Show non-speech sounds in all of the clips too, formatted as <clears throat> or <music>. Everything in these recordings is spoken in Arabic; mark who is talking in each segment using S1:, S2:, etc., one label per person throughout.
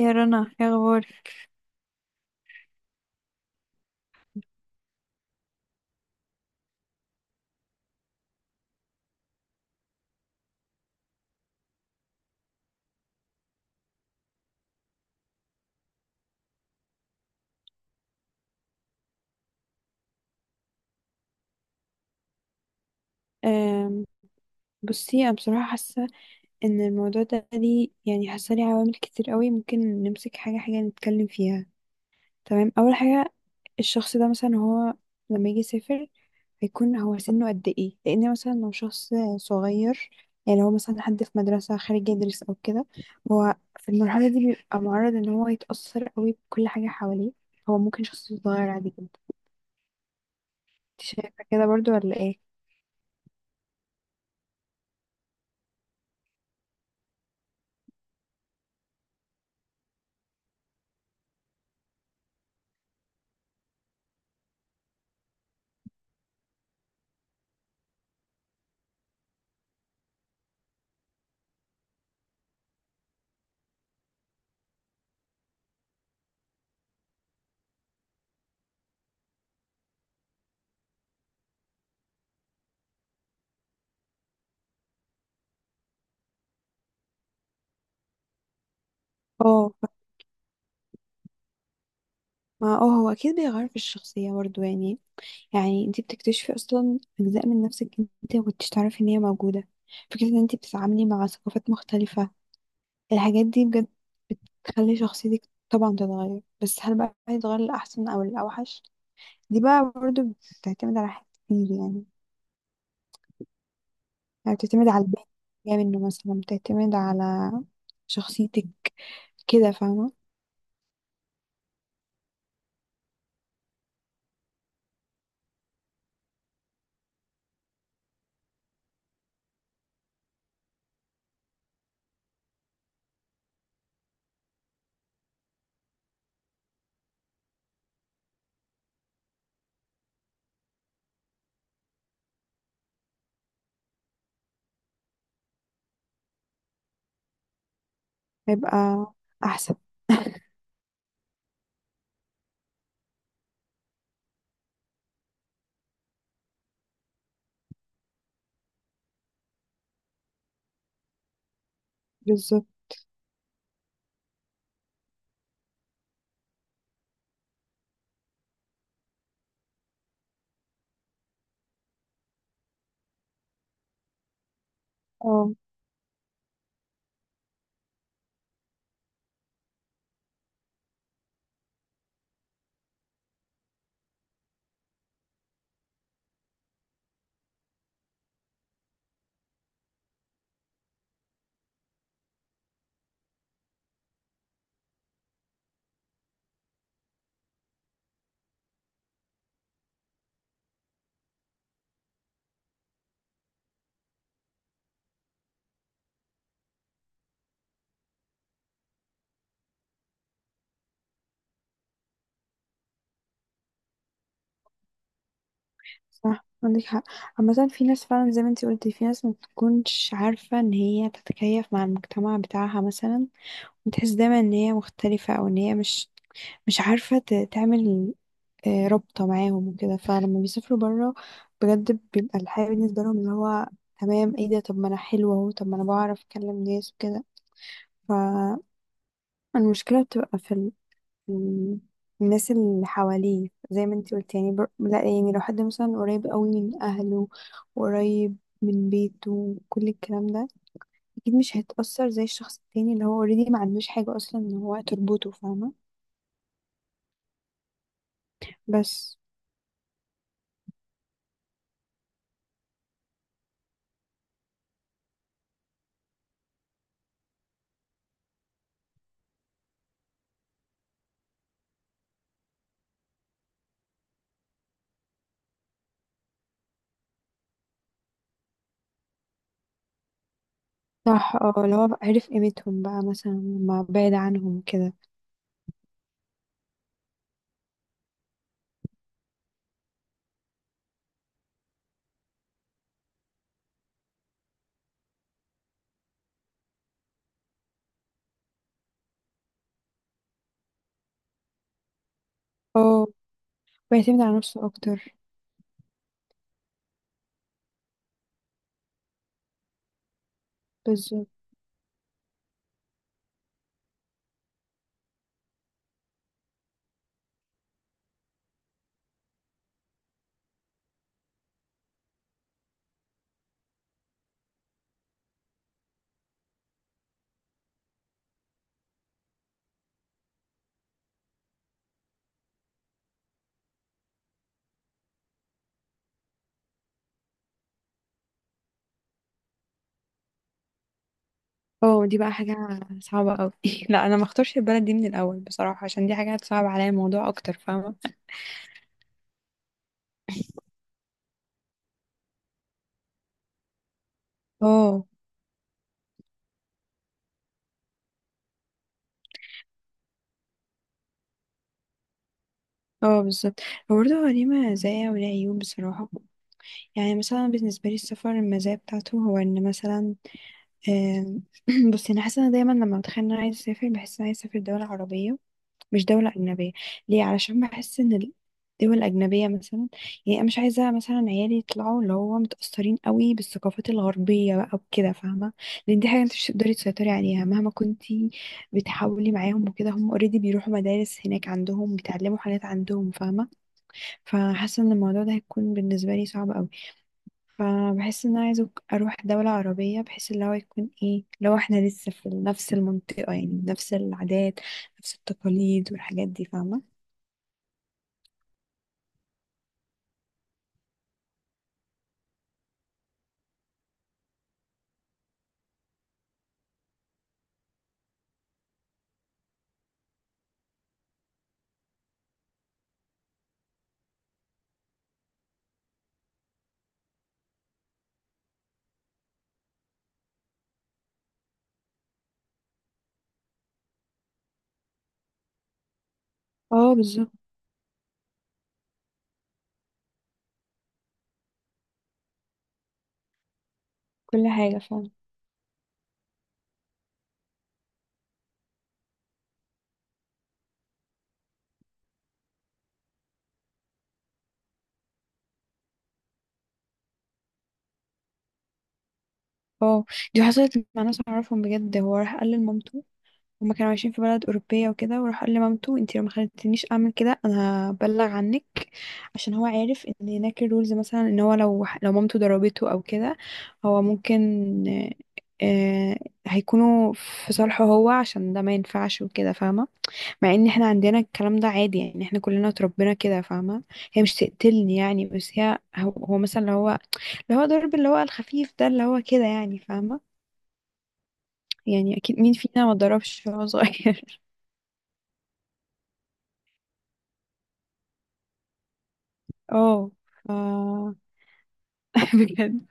S1: يا رنا، يا اخبارك؟ أم، بصي انا بصراحه حاسه ان الموضوع ده ليه، يعني حاسه ليه عوامل كتير قوي، ممكن نمسك حاجه حاجه نتكلم فيها. تمام، اول حاجه الشخص ده مثلا هو لما يجي يسافر هيكون هو سنه قد ايه، لان مثلا لو شخص صغير، يعني هو مثلا حد في مدرسه خارج يدرس او كده، هو في المرحله دي بيبقى معرض ان هو يتاثر قوي بكل حاجه حواليه. هو ممكن شخص صغير عادي جدا، انت شايفه كده برضو ولا ايه؟ اه، ما اه هو اكيد بيغير في الشخصية برضو، يعني انت بتكتشفي اصلا اجزاء من نفسك انت ما كنتش تعرفي ان هي موجودة. فكرة ان انت بتتعاملي مع ثقافات مختلفة، الحاجات دي بجد بتخلي شخصيتك طبعا تتغير. بس هل بقى هيتغير الأحسن او الأوحش، دي بقى برضو بتعتمد على حاجات كتير يعني. يعني بتعتمد على البيت جاي منه، مثلا بتعتمد على شخصيتك كده، فاهمة؟ هيبقى احسن. بالظبط. اه، صح عندك حق. عامة في ناس فعلا زي ما انتي قلتي في ناس ما بتكونش عارفة ان هي تتكيف مع المجتمع بتاعها مثلا، بتحس دايما ان هي مختلفة او ان هي مش عارفة تعمل رابطة معاهم وكده. فلما بيسافروا برا بجد بيبقى الحياة بالنسبة لهم اللي هو تمام، ايه ده، طب ما انا حلوة اهو، طب ما انا بعرف اكلم ناس وكده. فالمشكلة بتبقى في مم. الناس اللي حواليه، زي ما انتي قلت. يعني لا يعني لو حد مثلا قريب قوي من اهله وقريب من بيته كل الكلام ده اكيد مش هيتأثر زي الشخص التاني اللي هو اوريدي ما عندوش حاجة اصلا ان هو تربطه، فاهمة؟ بس. صح، اه اللي هو بقى عرف قيمتهم بقى مثلا لما بعد عنهم كده. اه، بيعتمد على نفسه اكتر. بالظبط. اه، دي بقى حاجة صعبة قوي. <laughs> لا انا ما اختارش البلد دي من الاول بصراحة عشان دي حاجة هتصعب عليا الموضوع اكتر، فاهمة؟ اه، اه، بالظبط. هو برضه هو ليه مزايا وليه عيوب بصراحة. يعني مثلا بالنسبة لي السفر المزايا بتاعته هو ان مثلا آم، <clears throat> بصي انا حاسة ان دايما لما بتخيل ان انا عايزة اسافر بحس ان انا عايزة اسافر دولة عربية مش دولة أجنبية. ليه؟ علشان بحس ان الدول الأجنبية مثلا، يعني انا مش عايزة مثلا عيالي يطلعوا اللي هو متأثرين قوي بالثقافات الغربية بقى وكده، فاهمة؟ لان دي حاجة انت مش تقدري تسيطري عليها مهما كنتي بتحاولي معاهم وكده، هم اوريدي بيروحوا مدارس هناك عندهم بيتعلموا حاجات عندهم، فاهمة؟ فحاسة ان الموضوع ده هيكون بالنسبة لي صعب قوي. فبحس ان انا عايزة اروح دولة عربية بحيث اللي هو يكون ايه، لو احنا لسه في نفس المنطقة، يعني نفس العادات نفس التقاليد والحاجات دي، فاهمة؟ اه، بالظبط، كل حاجة فعلا. اه، دي حصلت مع ناس اعرفهم بجد. هو راح قال لمامته، هما كانوا عايشين في بلد أوروبية وكده، وراح قال لمامته انتي لو ما خلتنيش أعمل كده أنا هبلغ عنك. عشان هو عارف ان هناك الرولز مثلا ان هو لو مامته ضربته أو كده هو ممكن آه، هيكونوا في صالحه هو، عشان ده ما ينفعش وكده، فاهمة؟ مع ان احنا عندنا الكلام ده عادي، يعني احنا كلنا اتربينا كده، فاهمة؟ هي مش تقتلني يعني، بس هي هو مثلا اللي هو اللي هو ضرب اللي هو الخفيف ده اللي هو كده يعني، فاهمة؟ يعني اكيد مين فينا ما ضربش وهو صغير. اه، ف <laughs> بجد.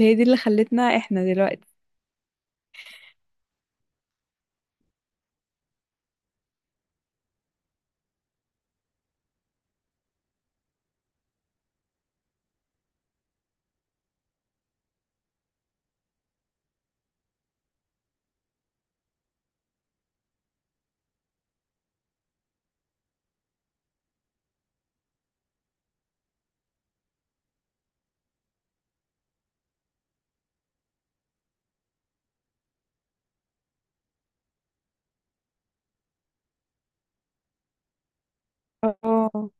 S1: هي دي اللي خلتنا احنا دلوقتي. اه،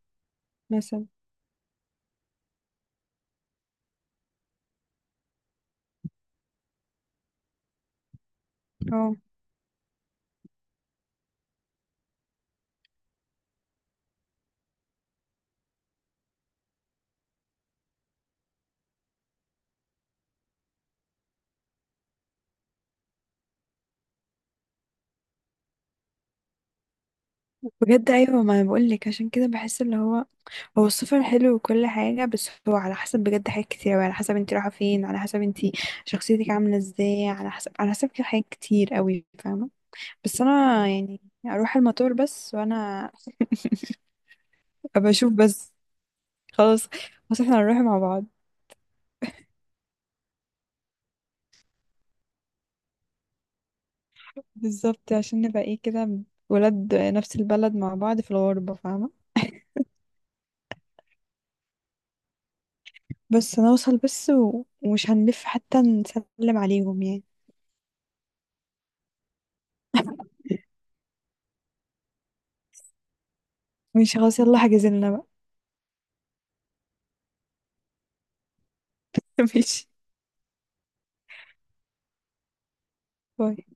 S1: مثلا اه، بجد ايوه ما انا بقول لك عشان كده بحس اللي هو هو السفر حلو وكل حاجه، بس هو على حسب بجد حاجات كتير قوي. على حسب انت رايحه فين، على حسب انت شخصيتك عامله ازاي، على حسب كده حاجات كتير قوي، فاهمه؟ بس انا يعني اروح المطار بس وانا ابقى اشوف بس، خلاص. بس احنا هنروح مع بعض، بالظبط. عشان نبقى ايه كده، ولاد نفس البلد مع بعض في الغربه، فاهمه؟ بس نوصل بس ومش هنلف حتى نسلم عليهم يعني. ماشي خلاص، يلا حجزلنا بقى. <laughs> ماشي، باي.